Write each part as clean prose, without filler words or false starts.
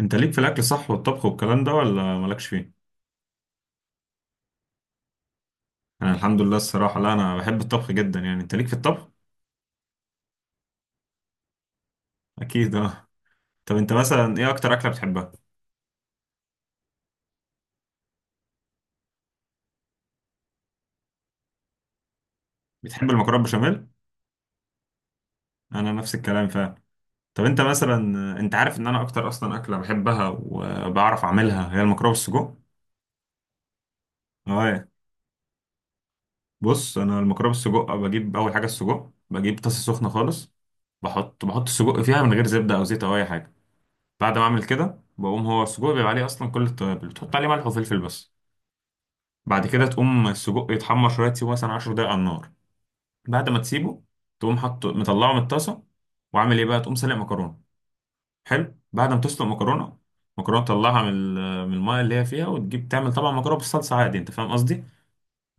انت ليك في الاكل صح والطبخ والكلام ده ولا مالكش فيه؟ انا الحمد لله الصراحه، لا انا بحب الطبخ جدا. يعني انت ليك في الطبخ؟ اكيد اه. طب انت مثلا ايه اكتر اكله بتحبها؟ بتحب المكرونه بشاميل؟ انا نفس الكلام فعلا. طب انت مثلا، انت عارف ان انا اكتر اصلا اكله بحبها وبعرف اعملها هي المكرونه بالسجق. اه. بص، انا المكرونه بالسجق بجيب اول حاجه السجق، بجيب طاسه سخنه خالص. بحط السجق فيها من غير زبده او زيت او اي حاجه. بعد ما اعمل كده بقوم هو السجق بيبقى عليه اصلا كل التوابل، بتحط عليه ملح وفلفل بس. بعد كده تقوم السجق يتحمر شويه، تسيبه مثلا 10 دقايق على النار. بعد ما تسيبه تقوم حاطه، مطلعه من الطاسه، وعامل ايه بقى تقوم سلق مكرونه. حلو، بعد ما تسلق مكرونه، مكرونه تطلعها من من الميه اللي هي فيها، وتجيب تعمل طبعا مكرونه بالصلصه عادي، انت فاهم قصدي.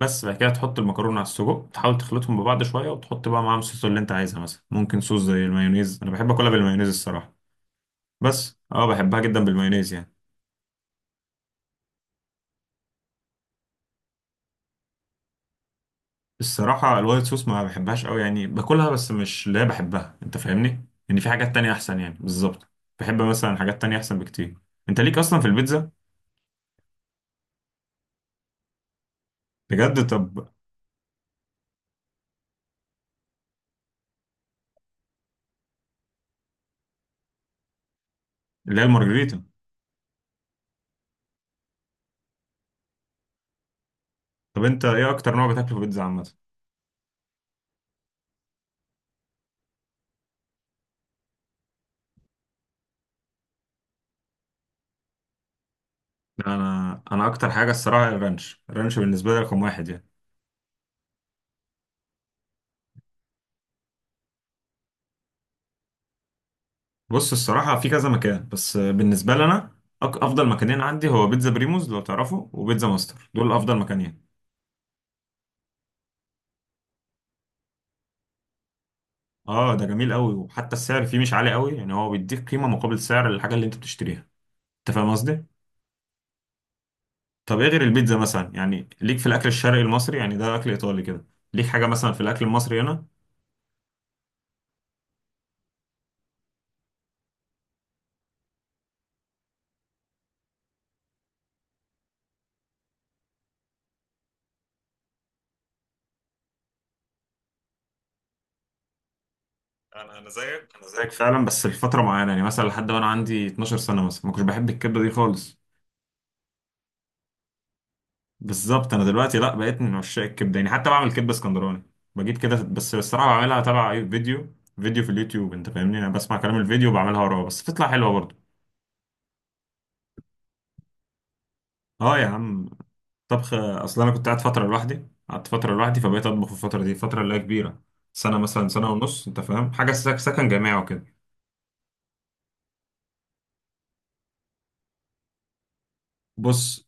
بس بعد كده تحط المكرونه على السجق، تحاول تخلطهم ببعض شويه، وتحط بقى معاهم الصوص اللي انت عايزها. مثلا ممكن صوص زي المايونيز، انا بحب اكلها بالمايونيز الصراحه. بس اه، بحبها جدا بالمايونيز يعني. الصراحة الوايت صوص ما بحبهاش قوي يعني، باكلها بس مش اللي هي بحبها، انت فاهمني. ان في حاجات تانية احسن يعني، بالظبط. بحب مثلا حاجات تانية احسن بكتير. انت ليك اصلا في البيتزا؟ بجد؟ طب. اللي هي المارجريتا. طب انت ايه اكتر نوع بتاكله في البيتزا عامة؟ لا، انا اكتر حاجة الصراحة الرانش، الرانش بالنسبة لي رقم واحد يعني. بص الصراحة في كذا مكان، بس بالنسبة لي انا، افضل مكانين عندي هو بيتزا بريموز لو تعرفه، وبيتزا ماستر. دول افضل مكانين. اه، ده جميل قوي، وحتى السعر فيه مش عالي قوي يعني، هو بيديك قيمة مقابل سعر الحاجة اللي انت بتشتريها. انت فاهم قصدي؟ طب ايه غير البيتزا مثلا، يعني ليك في الاكل الشرقي المصري؟ يعني ده اكل ايطالي كده. ليك حاجه مثلا في الاكل المصري هنا؟ انا زيك، انا زيك فعلا، بس لفتره معينه. يعني مثلا لحد وانا عندي 12 سنه مثلا ما كنتش بحب الكبده دي خالص. بالظبط. انا دلوقتي لا، بقيت من عشاق الكبده يعني، حتى بعمل كبده اسكندراني. بجيب كده، بس الصراحه بعملها تبع اي فيديو، فيديو في اليوتيوب، انت فاهمني. انا بسمع كلام الفيديو وبعملها وراه، بس بتطلع حلوه برضه. اه يا عم، طبخ. اصل انا كنت قاعد فتره لوحدي، قعدت فتره لوحدي، فبقيت اطبخ في الفتره دي. فتره اللي هي كبيره، سنه مثلا، سنه ونص، انت فاهم حاجه، سكن جامعي وكده. بص،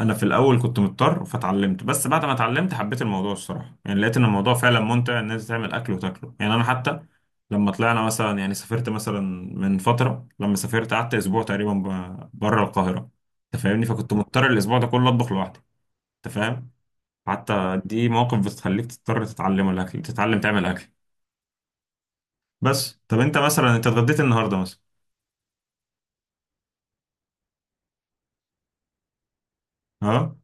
انا في الاول كنت مضطر فاتعلمت، بس بعد ما اتعلمت حبيت الموضوع الصراحه يعني، لقيت ان الموضوع فعلا ممتع. الناس تعمل اكل وتاكله يعني، انا حتى لما طلعنا مثلا، يعني سافرت مثلا من فتره، لما سافرت قعدت اسبوع تقريبا بره القاهره، انت فاهمني. فكنت مضطر الاسبوع ده كله اطبخ لوحدي، انت فاهم. حتى دي مواقف بتخليك تضطر تتعلم الاكل، تتعلم تعمل اكل. بس طب انت مثلا، انت اتغديت النهارده مثلا؟ اه،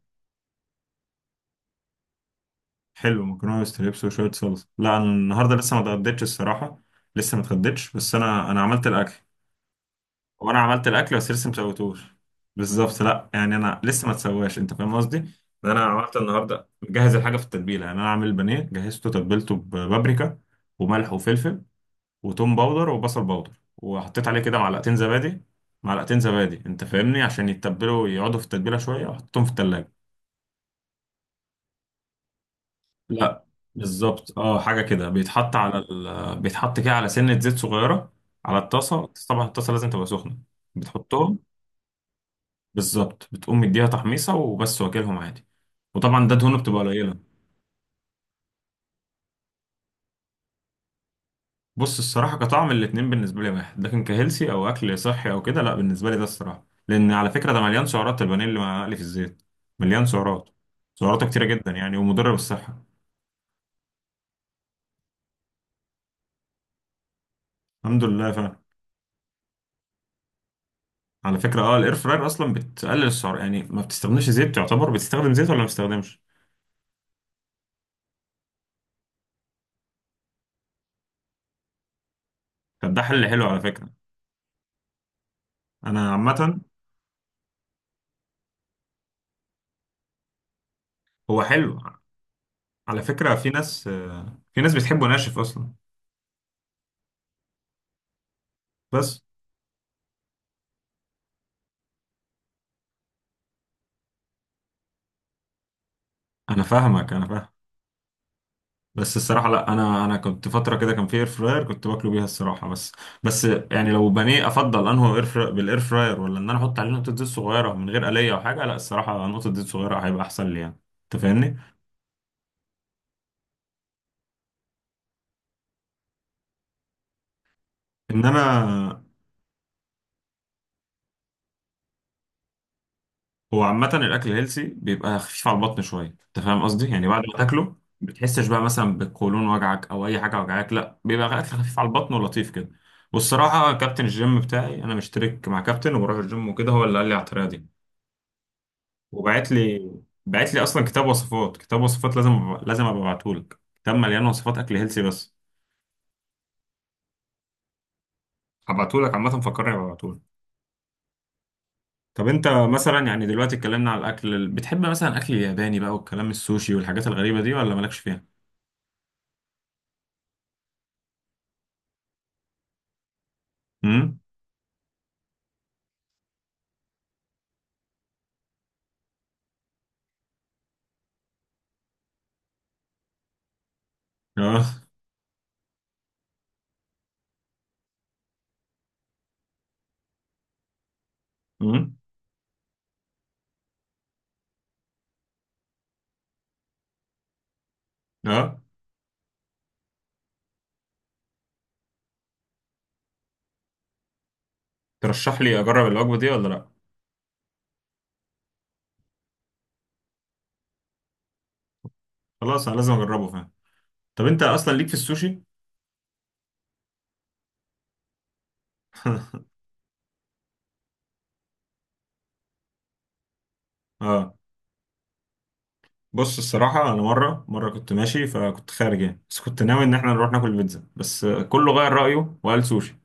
حلو، مكرونه وستريبس وشويه صلصه. لا انا النهارده لسه ما اتغديتش الصراحه، لسه ما اتغديتش. بس انا عملت الاكل، وانا عملت الاكل بس لسه ما سويتوش. بالظبط، لا يعني انا لسه ما اتسواش، انت فاهم قصدي. ان انا عملت النهارده مجهز الحاجه في التتبيله. يعني انا عامل البانيه، جهزته تتبيلته ببابريكا وملح وفلفل وتوم باودر وبصل باودر، وحطيت عليه كده معلقتين زبادي. معلقتين زبادي انت فاهمني، عشان يتبلوا يقعدوا في التتبيله شويه، وحطيتهم في التلاجة. لا، بالظبط اه، حاجه كده بيتحط على بيتحط كده على سنه زيت صغيره، على الطاسه طبعا، الطاسه لازم تبقى سخنه، بتحطهم. بالظبط، بتقوم مديها تحميصه وبس، واكلهم عادي. وطبعا ده دهونه بتبقى قليله. بص الصراحه، كطعم الاتنين بالنسبه لي واحد، لكن كهيلسي او اكل صحي او كده، لا بالنسبه لي ده الصراحه، لان على فكره ده مليان سعرات، البانيه اللي مقلي في الزيت مليان سعرات، سعراته كتيره جدا يعني، ومضره بالصحه. الحمد لله. على فكرة اه، الاير فراير اصلا بتقلل السعر يعني، ما بتستخدمش زيت، تعتبر بتستخدم زيت ولا ما بتستخدمش. فده حل حلو على فكرة. انا عامة، هو حلو على فكرة. في ناس، في ناس بتحبه ناشف اصلا. بس، انا فاهمك، انا فاهم. بس الصراحة لا، انا كنت فترة كده كان في اير فراير كنت باكله بيها الصراحة، بس يعني لو بانيه افضل انه اير فراير بالاير فراير، ولا ان انا احط عليه نقطة زيت صغيرة من غير قلية او حاجة؟ لا الصراحة نقطة زيت صغيرة هيبقى احسن لي يعني، انت فاهمني. انما هو عامة الأكل الهيلسي بيبقى خفيف على البطن شوية، أنت فاهم قصدي؟ يعني بعد ما تاكله بتحسش بقى مثلا بالقولون وجعك أو أي حاجة وجعاك، لا بيبقى أكل خفيف على البطن ولطيف كده. والصراحة كابتن الجيم بتاعي، أنا مشترك مع كابتن وبروح الجيم وكده، هو اللي قال لي على الطريقة دي، وبعت لي. بعت لي أصلا كتاب وصفات، كتاب وصفات لازم لازم أبقى أبعتهولك كتاب مليان وصفات أكل هيلسي بس. هبعتهولك عامة، فكرني أبعتهولك. طب أنت مثلا يعني، دلوقتي اتكلمنا على الأكل، بتحب مثلا أكل ياباني بقى والكلام السوشي والحاجات الغريبة دي، ولا مالكش فيها؟ امم. اه. امم. اه. ترشح لي اجرب الوجبه دي ولا لا؟ خلاص انا لازم اجربه، فاهم. طب انت اصلا ليك في السوشي؟ اه. بص الصراحه، انا مره كنت ماشي، فكنت خارج يعني، بس كنت ناوي ان احنا نروح ناكل بيتزا، بس كله غير رايه وقال سوشي.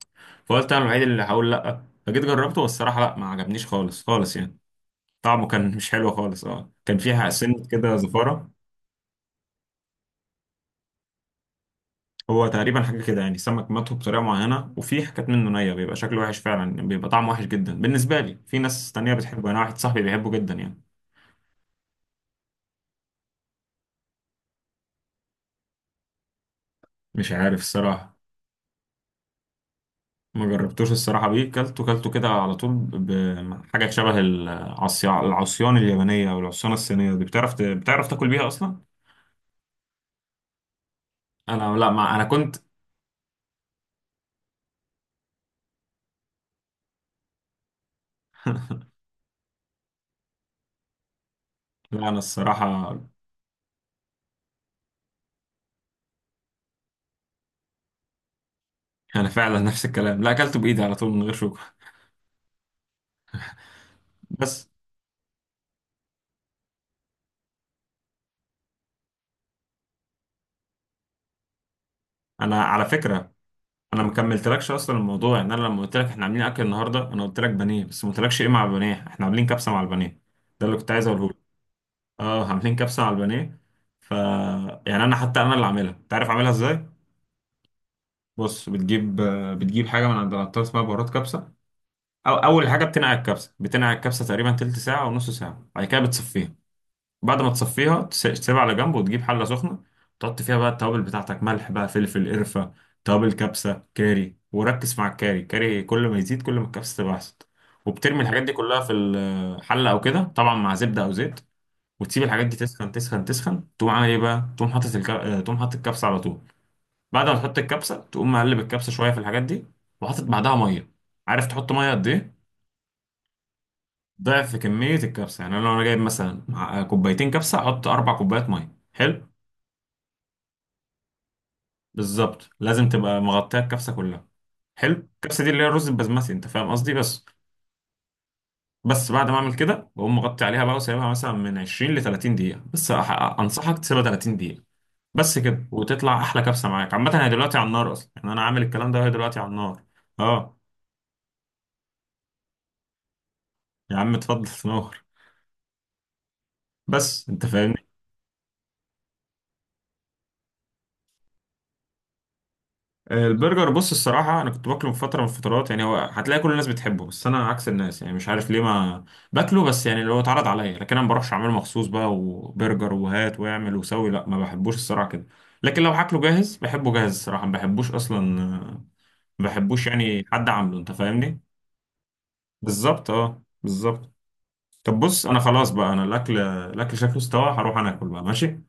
فقلت انا الوحيد اللي هقول لا، فجيت جربته، والصراحه لا، ما عجبنيش خالص خالص يعني. طعمه كان مش حلو خالص، اه كان فيها سنه كده زفاره. هو تقريبا حاجة كده يعني، السمك مطهو بطريقة معينة، وفي حاجات منه نية، بيبقى شكله وحش فعلا، بيبقى طعمه وحش جدا بالنسبة لي. في ناس تانية بتحبه، أنا واحد صاحبي بيحبه جدا يعني. مش عارف الصراحة، ما جربتوش الصراحة بيه. كلته كده على طول بحاجة شبه العصيان، العصيان اليابانية أو العصيان الصينية دي. بتعرف بتعرف تاكل بيها أصلا؟ أنا لا، ما أنا كنت. لا أنا الصراحة، أنا فعلا نفس الكلام، لا أكلته بإيدي على طول من غير شوكة. بس أنا على فكرة، انا ما كملتلكش اصلا الموضوع. يعني انا لما قلت لك احنا عاملين اكل النهارده، انا قلت لك بانيه، بس ما قلتلكش ايه مع البانيه، احنا عاملين كبسه مع البانيه. ده اللي كنت عايز اقوله لك. اه، عاملين كبسه مع البانيه. ف، يعني انا حتى انا اللي عاملها. انت عارف اعملها ازاي؟ بص، بتجيب، بتجيب حاجه من عند العطار اسمها بهارات كبسه. او اول حاجه بتنقع الكبسه، بتنقع الكبسه تقريبا تلت ساعه او نص ساعه، بعد كده بتصفيها. بعد ما تصفيها تسيبها على جنب، وتجيب حله سخنه. تحط فيها بقى التوابل بتاعتك، ملح بقى، فلفل، قرفه، توابل كبسه، كاري. وركز مع الكاري، الكاري كل ما يزيد كل ما الكبسه تبقى احسن. وبترمي الحاجات دي كلها في الحله او كده، طبعا مع زبده او زيت، وتسيب الحاجات دي تسخن تسخن تسخن. تقوم عامل ايه بقى، تقوم حاطط تقوم حاطط الكبسه على طول. بعد ما تحط الكبسه تقوم مقلب الكبسه شويه في الحاجات دي، وحاطط بعدها ميه. عارف تحط ميه قد ايه؟ ضعف كميه الكبسه يعني، انا لو انا جايب مثلا كوبايتين كبسه احط 4 كوبايات ميه. حلو. بالظبط لازم تبقى مغطيه الكبسه كلها. حلو. الكبسه دي اللي هي الرز البسمتي، انت فاهم قصدي. بس، بس بعد ما اعمل كده بقوم مغطي عليها بقى وسايبها مثلا من 20 ل 30 دقيقه بس، انصحك تسيبها 30 دقيقه. بس كده، وتطلع احلى كبسه معاك. عامه هي دلوقتي على النار اصلا يعني، انا عامل الكلام ده وهي دلوقتي على النار. اه يا عم، اتفضل نور. بس انت فاهم. البرجر، بص الصراحة، أنا كنت باكله في فترة من الفترات يعني، هو هتلاقي كل الناس بتحبه، بس أنا عكس الناس يعني، مش عارف ليه، ما باكله، بس يعني اللي هو اتعرض عليا، لكن أنا ما بروحش أعمله مخصوص بقى وبرجر وهات واعمل وسوي، لا ما بحبوش الصراحة كده. لكن لو هاكله جاهز بحبه جاهز، الصراحة ما بحبوش أصلا. ما بحبوش يعني حد عامله، أنت فاهمني؟ بالظبط، أه بالظبط. طب بص، أنا خلاص بقى، أنا الأكل، الأكل شكله استوى، هروح أنا أكل بقى، ماشي؟